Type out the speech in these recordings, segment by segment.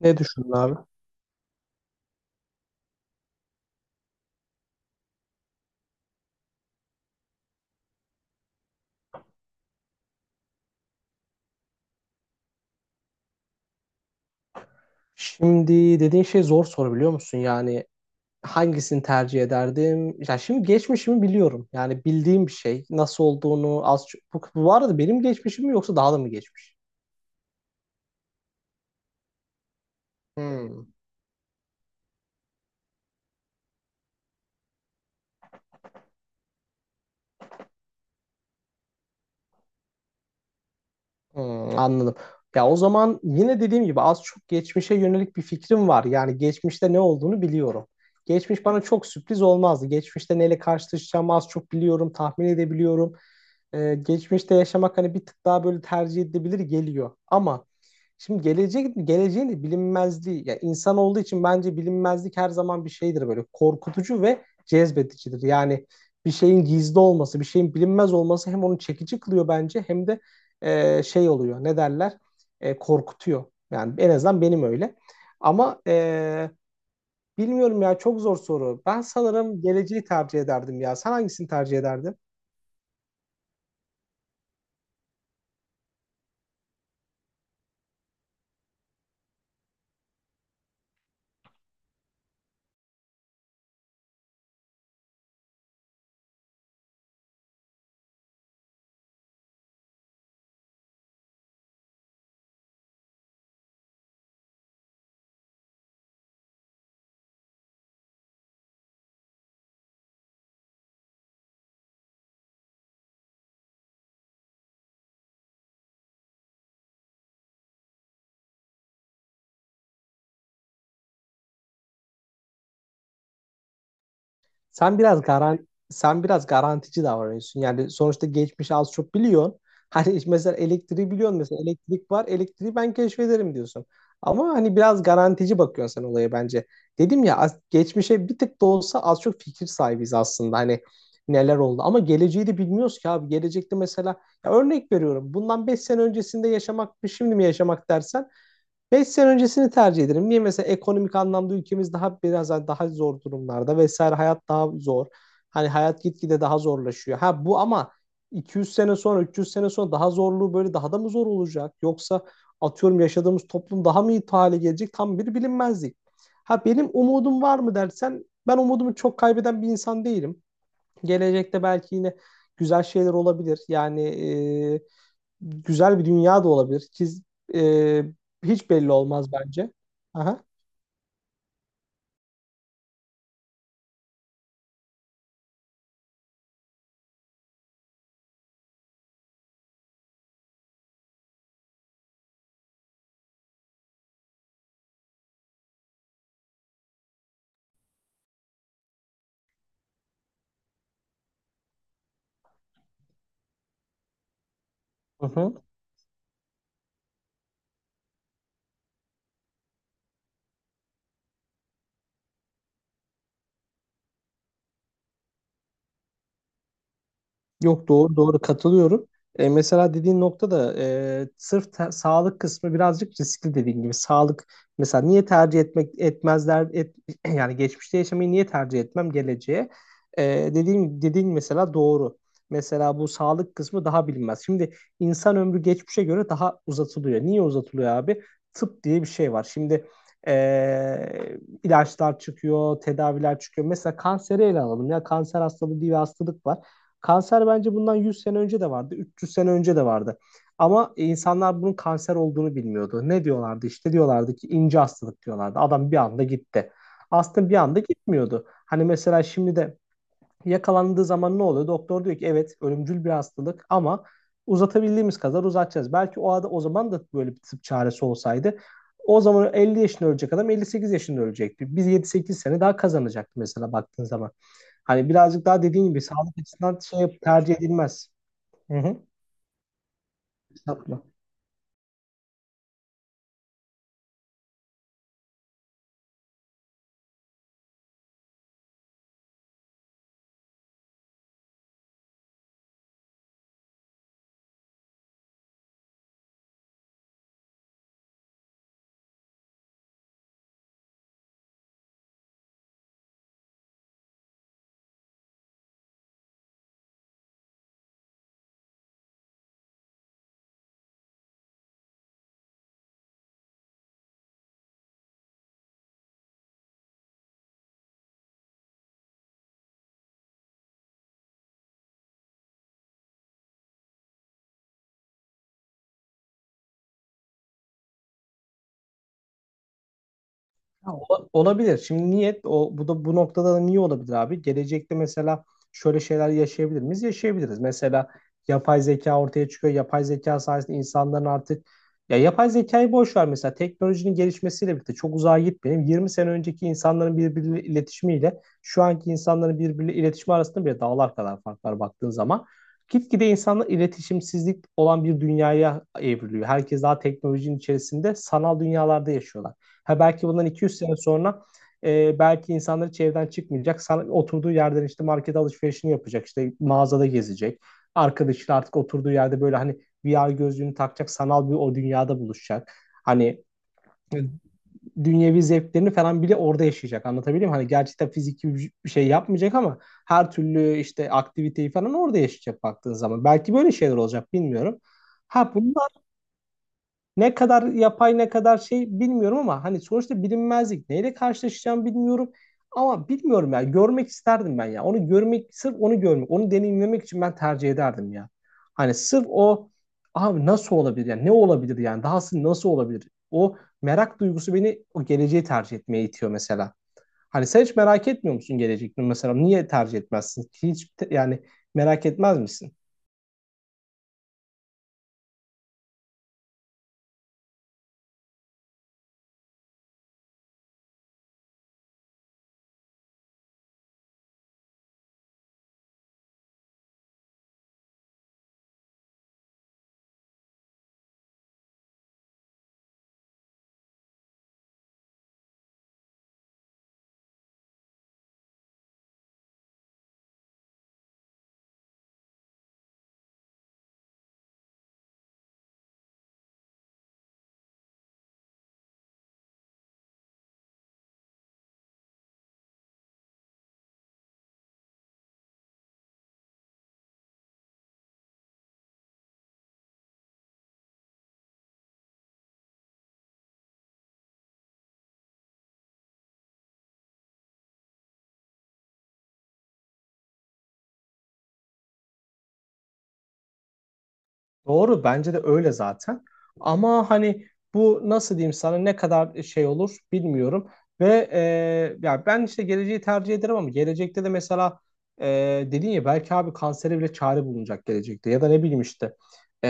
Ne düşündün abi? Şimdi dediğin şey zor soru biliyor musun? Yani hangisini tercih ederdim? Ya şimdi geçmişimi biliyorum. Yani bildiğim bir şey. Nasıl olduğunu az çok. Bu arada benim geçmişim mi yoksa daha da mı geçmiş? Hmm, anladım. Ya o zaman yine dediğim gibi az çok geçmişe yönelik bir fikrim var. Yani geçmişte ne olduğunu biliyorum. Geçmiş bana çok sürpriz olmazdı. Geçmişte neyle karşılaşacağımı az çok biliyorum, tahmin edebiliyorum. Geçmişte yaşamak hani bir tık daha böyle tercih edilebilir geliyor. Ama şimdi gelecek geleceğin de bilinmezliği ya insan olduğu için bence bilinmezlik her zaman bir şeydir böyle korkutucu ve cezbedicidir. Yani bir şeyin gizli olması, bir şeyin bilinmez olması hem onu çekici kılıyor bence hem de şey oluyor. Ne derler? Korkutuyor. Yani en azından benim öyle. Ama bilmiyorum ya çok zor soru. Ben sanırım geleceği tercih ederdim ya. Sen hangisini tercih ederdin? Sen biraz garantici davranıyorsun. Yani sonuçta geçmişi az çok biliyorsun. Hani mesela elektriği biliyorsun, mesela elektrik var, elektriği ben keşfederim diyorsun. Ama hani biraz garantici bakıyorsun sen olaya bence. Dedim ya, geçmişe bir tık da olsa az çok fikir sahibiz aslında. Hani neler oldu ama geleceği de bilmiyoruz ki abi. Gelecekte mesela ya örnek veriyorum. Bundan 5 sene öncesinde yaşamak mı şimdi mi yaşamak dersen 5 sene öncesini tercih ederim. Niye mesela ekonomik anlamda ülkemiz daha biraz daha zor durumlarda vesaire, hayat daha zor. Hani hayat gitgide daha zorlaşıyor. Ha bu ama 200 sene sonra 300 sene sonra daha zorluğu böyle daha da mı zor olacak? Yoksa atıyorum yaşadığımız toplum daha mı iyi hale gelecek? Tam bir bilinmezlik. Ha benim umudum var mı dersen, ben umudumu çok kaybeden bir insan değilim. Gelecekte belki yine güzel şeyler olabilir. Yani e, güzel bir dünya da olabilir. Ki e, hiç belli olmaz bence. Aha. Yok doğru doğru katılıyorum. Mesela dediğin nokta da, sağlık kısmı birazcık riskli dediğin gibi. Sağlık mesela niye tercih etmezler yani geçmişte yaşamayı niye tercih etmem geleceğe? E, dediğin mesela doğru. Mesela bu sağlık kısmı daha bilinmez. Şimdi insan ömrü geçmişe göre daha uzatılıyor. Niye uzatılıyor abi? Tıp diye bir şey var. Şimdi e, ilaçlar çıkıyor, tedaviler çıkıyor. Mesela kanseri ele alalım, ya kanser hastalığı diye bir hastalık var. Kanser bence bundan 100 sene önce de vardı, 300 sene önce de vardı. Ama insanlar bunun kanser olduğunu bilmiyordu. Ne diyorlardı? İşte diyorlardı ki ince hastalık diyorlardı. Adam bir anda gitti. Aslında bir anda gitmiyordu. Hani mesela şimdi de yakalandığı zaman ne oluyor? Doktor diyor ki evet ölümcül bir hastalık ama uzatabildiğimiz kadar uzatacağız. Belki o zaman da böyle bir tıp çaresi olsaydı, o zaman 50 yaşında ölecek adam 58 yaşında ölecekti. Biz 7-8 sene daha kazanacaktık mesela baktığın zaman. Hani birazcık daha dediğin gibi sağlık açısından tercih edilmez. Hı hı. Hesapla. Olabilir. Şimdi niyet o bu da Bu noktada da niye olabilir abi? Gelecekte mesela şöyle şeyler yaşayabilir miyiz? Yaşayabiliriz. Mesela yapay zeka ortaya çıkıyor. Yapay zeka sayesinde insanların artık Ya yapay zekayı boş ver, mesela teknolojinin gelişmesiyle birlikte çok uzağa gitmeyelim. 20 sene önceki insanların birbiriyle iletişimiyle şu anki insanların birbiriyle iletişimi arasında bile dağlar kadar fark var baktığın zaman. Gitgide insanlar iletişimsizlik olan bir dünyaya evriliyor. Herkes daha teknolojinin içerisinde sanal dünyalarda yaşıyorlar. Ha belki bundan 200 sene sonra belki insanları hiç çıkmayacak. Oturduğu yerden işte market alışverişini yapacak, işte mağazada gezecek. Arkadaşıyla artık oturduğu yerde böyle hani VR gözlüğünü takacak. Sanal bir o dünyada buluşacak. Hani, evet, dünyevi zevklerini falan bile orada yaşayacak. Anlatabiliyor muyum? Hani gerçekten fiziki bir şey yapmayacak ama her türlü işte aktiviteyi falan orada yaşayacak baktığın zaman. Belki böyle şeyler olacak bilmiyorum. Ha bunu ne kadar yapay ne kadar şey bilmiyorum, ama hani sonuçta bilinmezlik. Neyle karşılaşacağım bilmiyorum. Ama bilmiyorum ya, görmek isterdim ben ya. Onu görmek, sırf onu görmek, onu deneyimlemek için ben tercih ederdim ya. Hani sırf o, abi nasıl olabilir yani, ne olabilir yani, dahası nasıl olabilir? O merak duygusu beni o geleceği tercih etmeye itiyor mesela. Hani sen hiç merak etmiyor musun gelecekte mesela? Niye tercih etmezsin? Yani merak etmez misin? Doğru bence de öyle zaten. Ama hani bu nasıl diyeyim sana, ne kadar şey olur bilmiyorum. Ya ben işte geleceği tercih ederim ama gelecekte de mesela e, dedin ya, belki abi kansere bile çare bulunacak gelecekte. Ya da ne bileyim işte,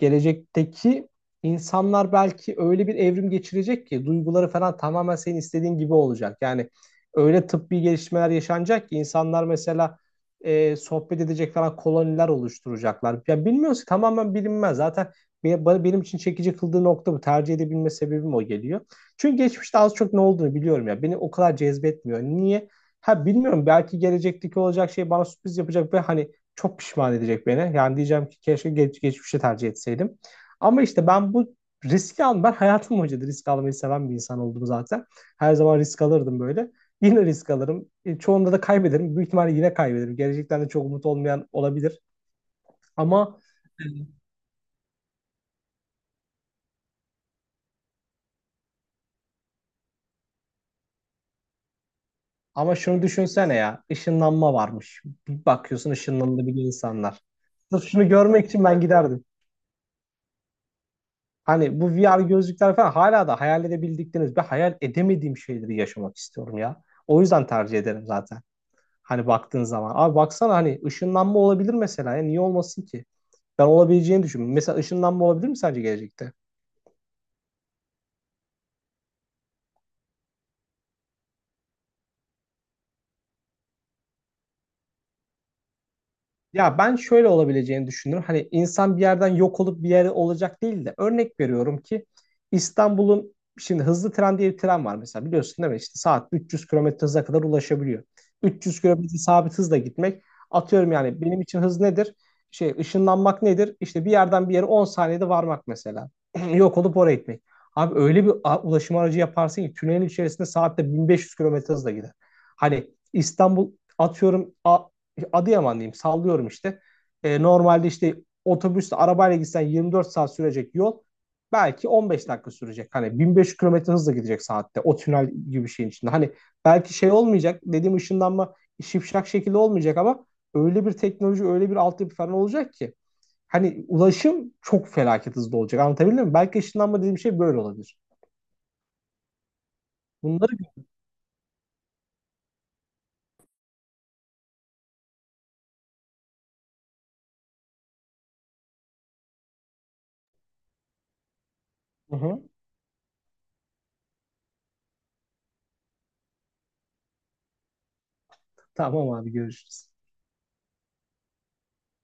gelecekteki insanlar belki öyle bir evrim geçirecek ki duyguları falan tamamen senin istediğin gibi olacak. Yani öyle tıbbi gelişmeler yaşanacak ki insanlar mesela sohbet edecek falan, koloniler oluşturacaklar. Ya bilmiyoruz, tamamen bilinmez. Zaten benim için çekici kıldığı nokta bu. Tercih edebilme sebebim o geliyor. Çünkü geçmişte az çok ne olduğunu biliyorum ya. Beni o kadar cezbetmiyor. Niye? Ha bilmiyorum, belki gelecekteki olacak şey bana sürpriz yapacak ve hani çok pişman edecek beni. Yani diyeceğim ki keşke geçmişi tercih etseydim. Ama işte ben bu riski al ben hayatım boyunca da risk almayı seven bir insan oldum zaten. Her zaman risk alırdım böyle. Yine risk alırım. Çoğunda da kaybederim. Büyük ihtimalle yine kaybederim. Gelecekten de çok umut olmayan olabilir. Ama ama şunu düşünsene ya. Işınlanma varmış. Bir bakıyorsun ışınlanabilir insanlar. Sırf şunu görmek için ben giderdim. Hani bu VR gözlükler falan, hala da hayal edebildikleriniz ve hayal edemediğim şeyleri yaşamak istiyorum ya. O yüzden tercih ederim zaten. Hani baktığın zaman, abi baksana hani ışınlanma olabilir mesela. Ya niye olmasın ki? Ben olabileceğini düşünüyorum. Mesela ışınlanma olabilir mi sence gelecekte? Ya ben şöyle olabileceğini düşünüyorum. Hani insan bir yerden yok olup bir yere olacak değil de, örnek veriyorum ki İstanbul'un şimdi hızlı tren diye bir tren var mesela, biliyorsun değil mi? İşte saat 300 kilometre hıza kadar ulaşabiliyor. 300 kilometre sabit hızla gitmek atıyorum yani, benim için hız nedir? Şey, ışınlanmak nedir? İşte bir yerden bir yere 10 saniyede varmak mesela. Yok olup oraya gitmek. Abi öyle ulaşım aracı yaparsın ki tünelin içerisinde saatte 1500 kilometre hızla gider. Hani İstanbul atıyorum Adıyaman diyeyim, sallıyorum işte. Normalde işte otobüsle arabayla gitsen 24 saat sürecek yol belki 15 dakika sürecek. Hani 1500 kilometre hızla gidecek saatte o tünel gibi bir şeyin içinde. Hani belki şey olmayacak, dediğim ışınlanma şipşak şekilde olmayacak ama öyle bir teknoloji öyle bir altyapı falan olacak ki hani ulaşım çok felaket hızlı olacak, anlatabildim mi? Belki ışınlanma dediğim şey böyle olabilir. Bunları. Hı hı. Tamam abi görüşürüz.